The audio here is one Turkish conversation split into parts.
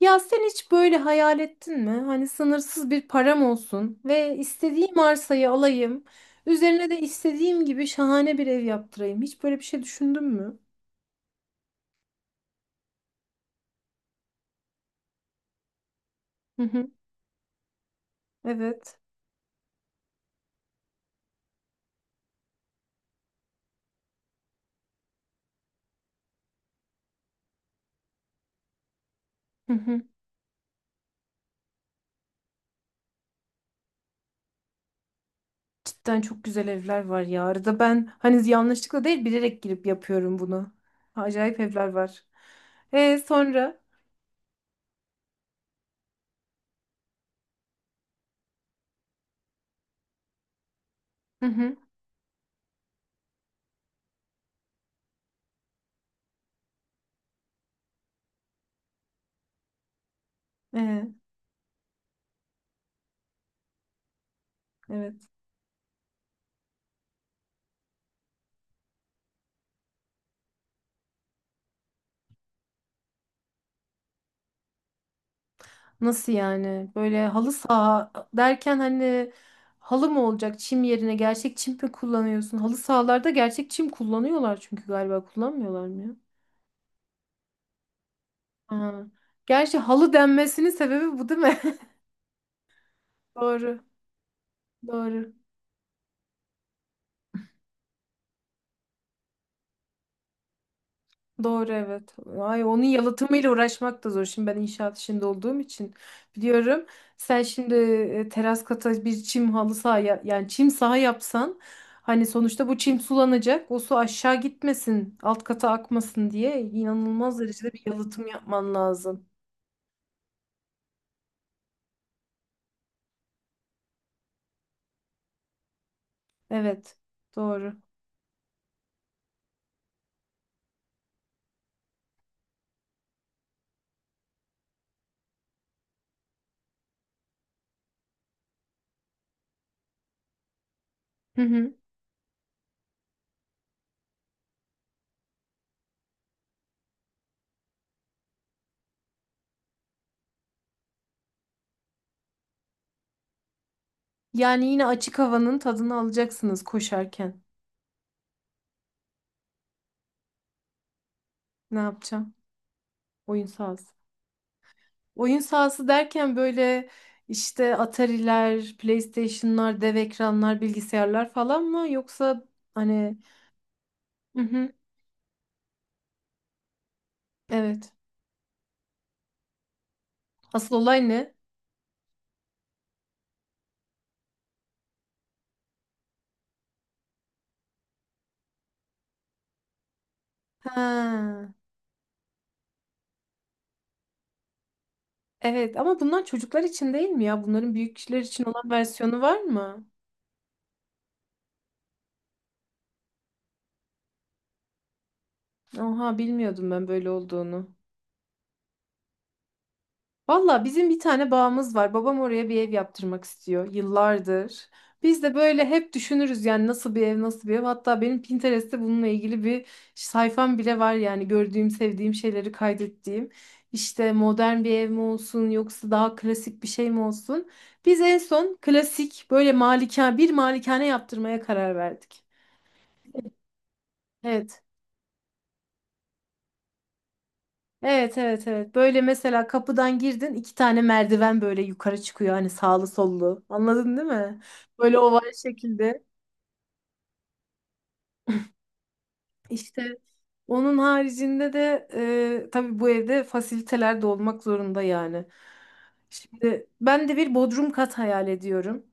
Ya sen hiç böyle hayal ettin mi? Hani sınırsız bir param olsun ve istediğim arsayı alayım. Üzerine de istediğim gibi şahane bir ev yaptırayım. Hiç böyle bir şey düşündün mü? Hı hı. Evet. Hı hı. Cidden çok güzel evler var ya. Arada ben hani yanlışlıkla değil bilerek girip yapıyorum bunu. Acayip evler var. E sonra? Hı hı. E, evet. Nasıl yani? Böyle halı saha derken hani halı mı olacak çim yerine gerçek çim mi kullanıyorsun? Halı sahalarda gerçek çim kullanıyorlar çünkü galiba kullanmıyorlar mı ya? Ha. Gerçi halı denmesinin sebebi bu değil mi? Doğru. Doğru. Doğru evet. Ay onun yalıtımıyla uğraşmak da zor. Şimdi ben inşaat işinde olduğum için biliyorum. Sen şimdi teras kata bir çim halı saha yani çim saha yapsan hani sonuçta bu çim sulanacak. O su aşağı gitmesin, alt kata akmasın diye inanılmaz derecede bir yalıtım yapman lazım. Evet. Doğru. Hı hı. Yani yine açık havanın tadını alacaksınız koşarken. Ne yapacağım? Oyun sahası. Oyun sahası derken böyle işte Atari'ler, PlayStation'lar, dev ekranlar, bilgisayarlar falan mı? Yoksa hani hı hı, evet. Asıl olay ne? Ha, evet ama bunlar çocuklar için değil mi ya? Bunların büyük kişiler için olan versiyonu var mı? Oha bilmiyordum ben böyle olduğunu. Valla bizim bir tane bağımız var. Babam oraya bir ev yaptırmak istiyor yıllardır. Biz de böyle hep düşünürüz yani nasıl bir ev, nasıl bir ev. Hatta benim Pinterest'te bununla ilgili bir sayfam bile var yani gördüğüm, sevdiğim şeyleri kaydettiğim. İşte modern bir ev mi olsun yoksa daha klasik bir şey mi olsun? Biz en son klasik böyle malikane, bir malikane yaptırmaya karar verdik. Evet. Evet evet evet. Böyle mesela kapıdan girdin iki tane merdiven böyle yukarı çıkıyor hani sağlı sollu. Anladın değil mi? Böyle oval şekilde. İşte onun haricinde de tabii bu evde fasiliteler de olmak zorunda yani. Şimdi ben de bir bodrum kat hayal ediyorum.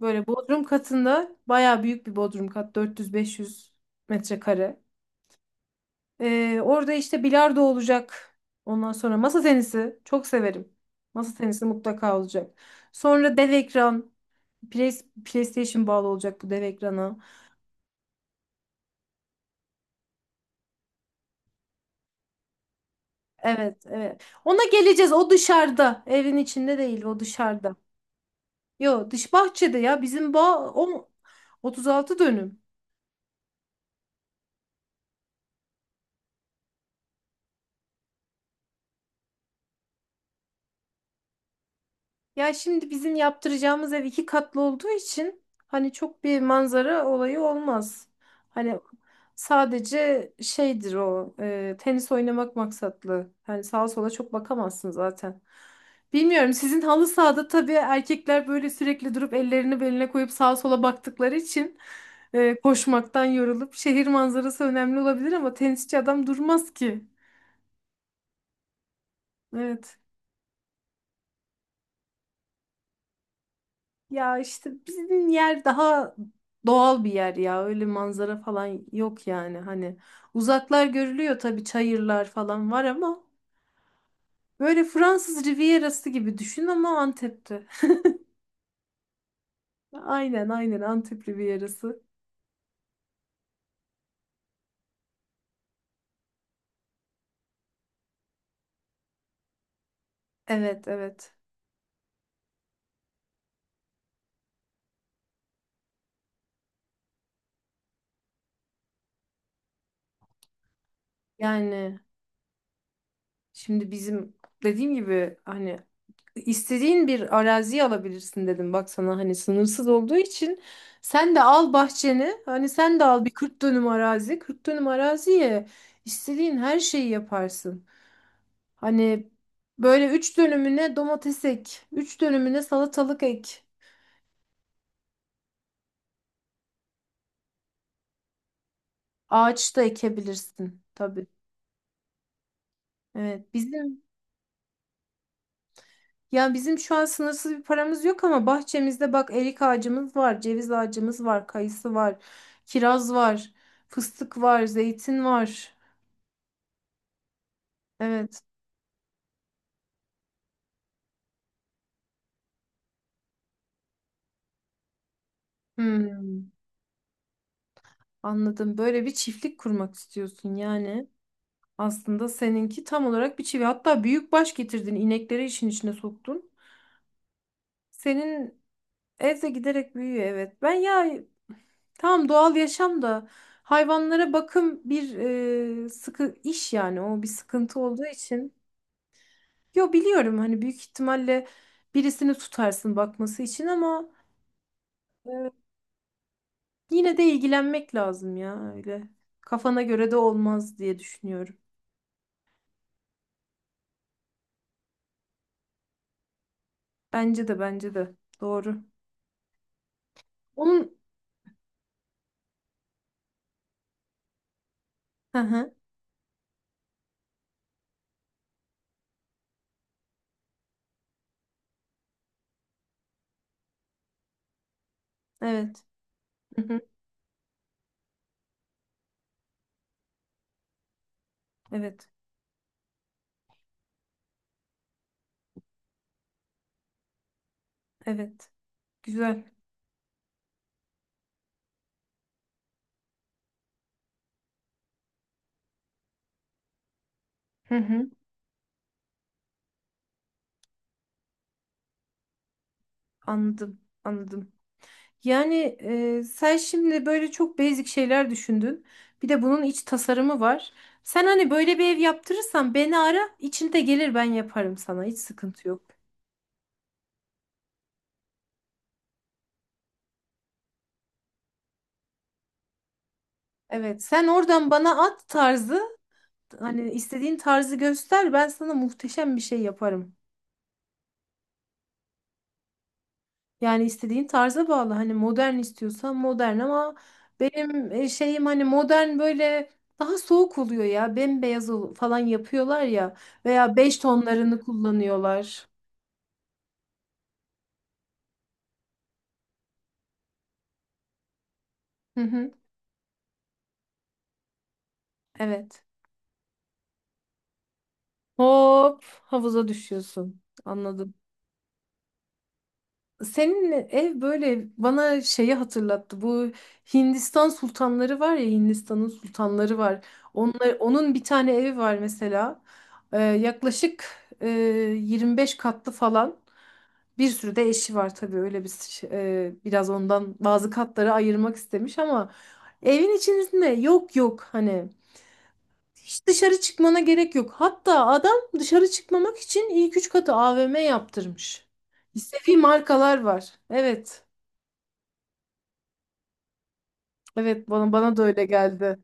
Böyle bodrum katında bayağı büyük bir bodrum kat 400-500 metrekare. Orada işte bilardo olacak. Ondan sonra masa tenisi. Çok severim. Masa tenisi mutlaka olacak. Sonra dev ekran. PlayStation bağlı olacak bu dev ekrana. Evet, evet. Ona geleceğiz. O dışarıda. Evin içinde değil, o dışarıda. Yo, dış bahçede ya. Bizim bağ o 36 dönüm. Ya şimdi bizim yaptıracağımız ev iki katlı olduğu için hani çok bir manzara olayı olmaz. Hani sadece şeydir o tenis oynamak maksatlı. Hani sağa sola çok bakamazsın zaten. Bilmiyorum sizin halı sahada tabii erkekler böyle sürekli durup ellerini beline koyup sağa sola baktıkları için koşmaktan yorulup şehir manzarası önemli olabilir ama tenisçi adam durmaz ki. Evet. Ya işte bizim yer daha doğal bir yer ya. Öyle manzara falan yok yani. Hani uzaklar görülüyor tabii çayırlar falan var ama böyle Fransız Rivierası gibi düşün ama Antep'te. Aynen aynen Antep Rivierası. Evet evet. Yani şimdi bizim dediğim gibi hani istediğin bir arazi alabilirsin dedim bak sana hani sınırsız olduğu için sen de al bahçeni hani sen de al bir 40 dönüm arazi 40 dönüm araziye istediğin her şeyi yaparsın. Hani böyle 3 dönümüne domates ek, 3 dönümüne salatalık ek, ağaç da ekebilirsin tabii. Evet bizim ya bizim şu an sınırsız bir paramız yok ama bahçemizde bak erik ağacımız var, ceviz ağacımız var, kayısı var, kiraz var, fıstık var, zeytin var. Evet. Hmm, anladım. Böyle bir çiftlik kurmak istiyorsun yani. Aslında seninki tam olarak bir çiftlik. Hatta büyük baş getirdin, inekleri işin içine soktun. Senin ev de giderek büyüyor evet. Ben ya Tamam doğal yaşam da hayvanlara bakım bir sıkı iş yani o bir sıkıntı olduğu için. Yo biliyorum hani büyük ihtimalle birisini tutarsın bakması için ama e, yine de ilgilenmek lazım ya öyle. Kafana göre de olmaz diye düşünüyorum. Bence de doğru. Onun hı hı evet. Hı hı evet. Evet. Güzel. Hı hı anladım. Anladım. Yani sen şimdi böyle çok basic şeyler düşündün. Bir de bunun iç tasarımı var. Sen hani böyle bir ev yaptırırsan beni ara, içinde gelir ben yaparım sana. Hiç sıkıntı yok. Evet, sen oradan bana at tarzı, hani istediğin tarzı göster, ben sana muhteşem bir şey yaparım. Yani istediğin tarza bağlı. Hani modern istiyorsan modern ama benim şeyim hani modern böyle daha soğuk oluyor ya. Bembeyaz falan yapıyorlar ya veya beş tonlarını kullanıyorlar. Hı hı, evet. Hop havuza düşüyorsun. Anladım. Senin ev böyle bana şeyi hatırlattı. Bu Hindistan sultanları var ya Hindistan'ın sultanları var. Onlar, onun bir tane evi var mesela. Yaklaşık e, 25 katlı falan. Bir sürü de eşi var tabii öyle bir biraz ondan bazı katları ayırmak istemiş ama evin içerisinde yok yok hani hiç dışarı çıkmana gerek yok. Hatta adam dışarı çıkmamak için ilk üç katı AVM yaptırmış. İstediği markalar var. Evet. Evet bana da öyle geldi.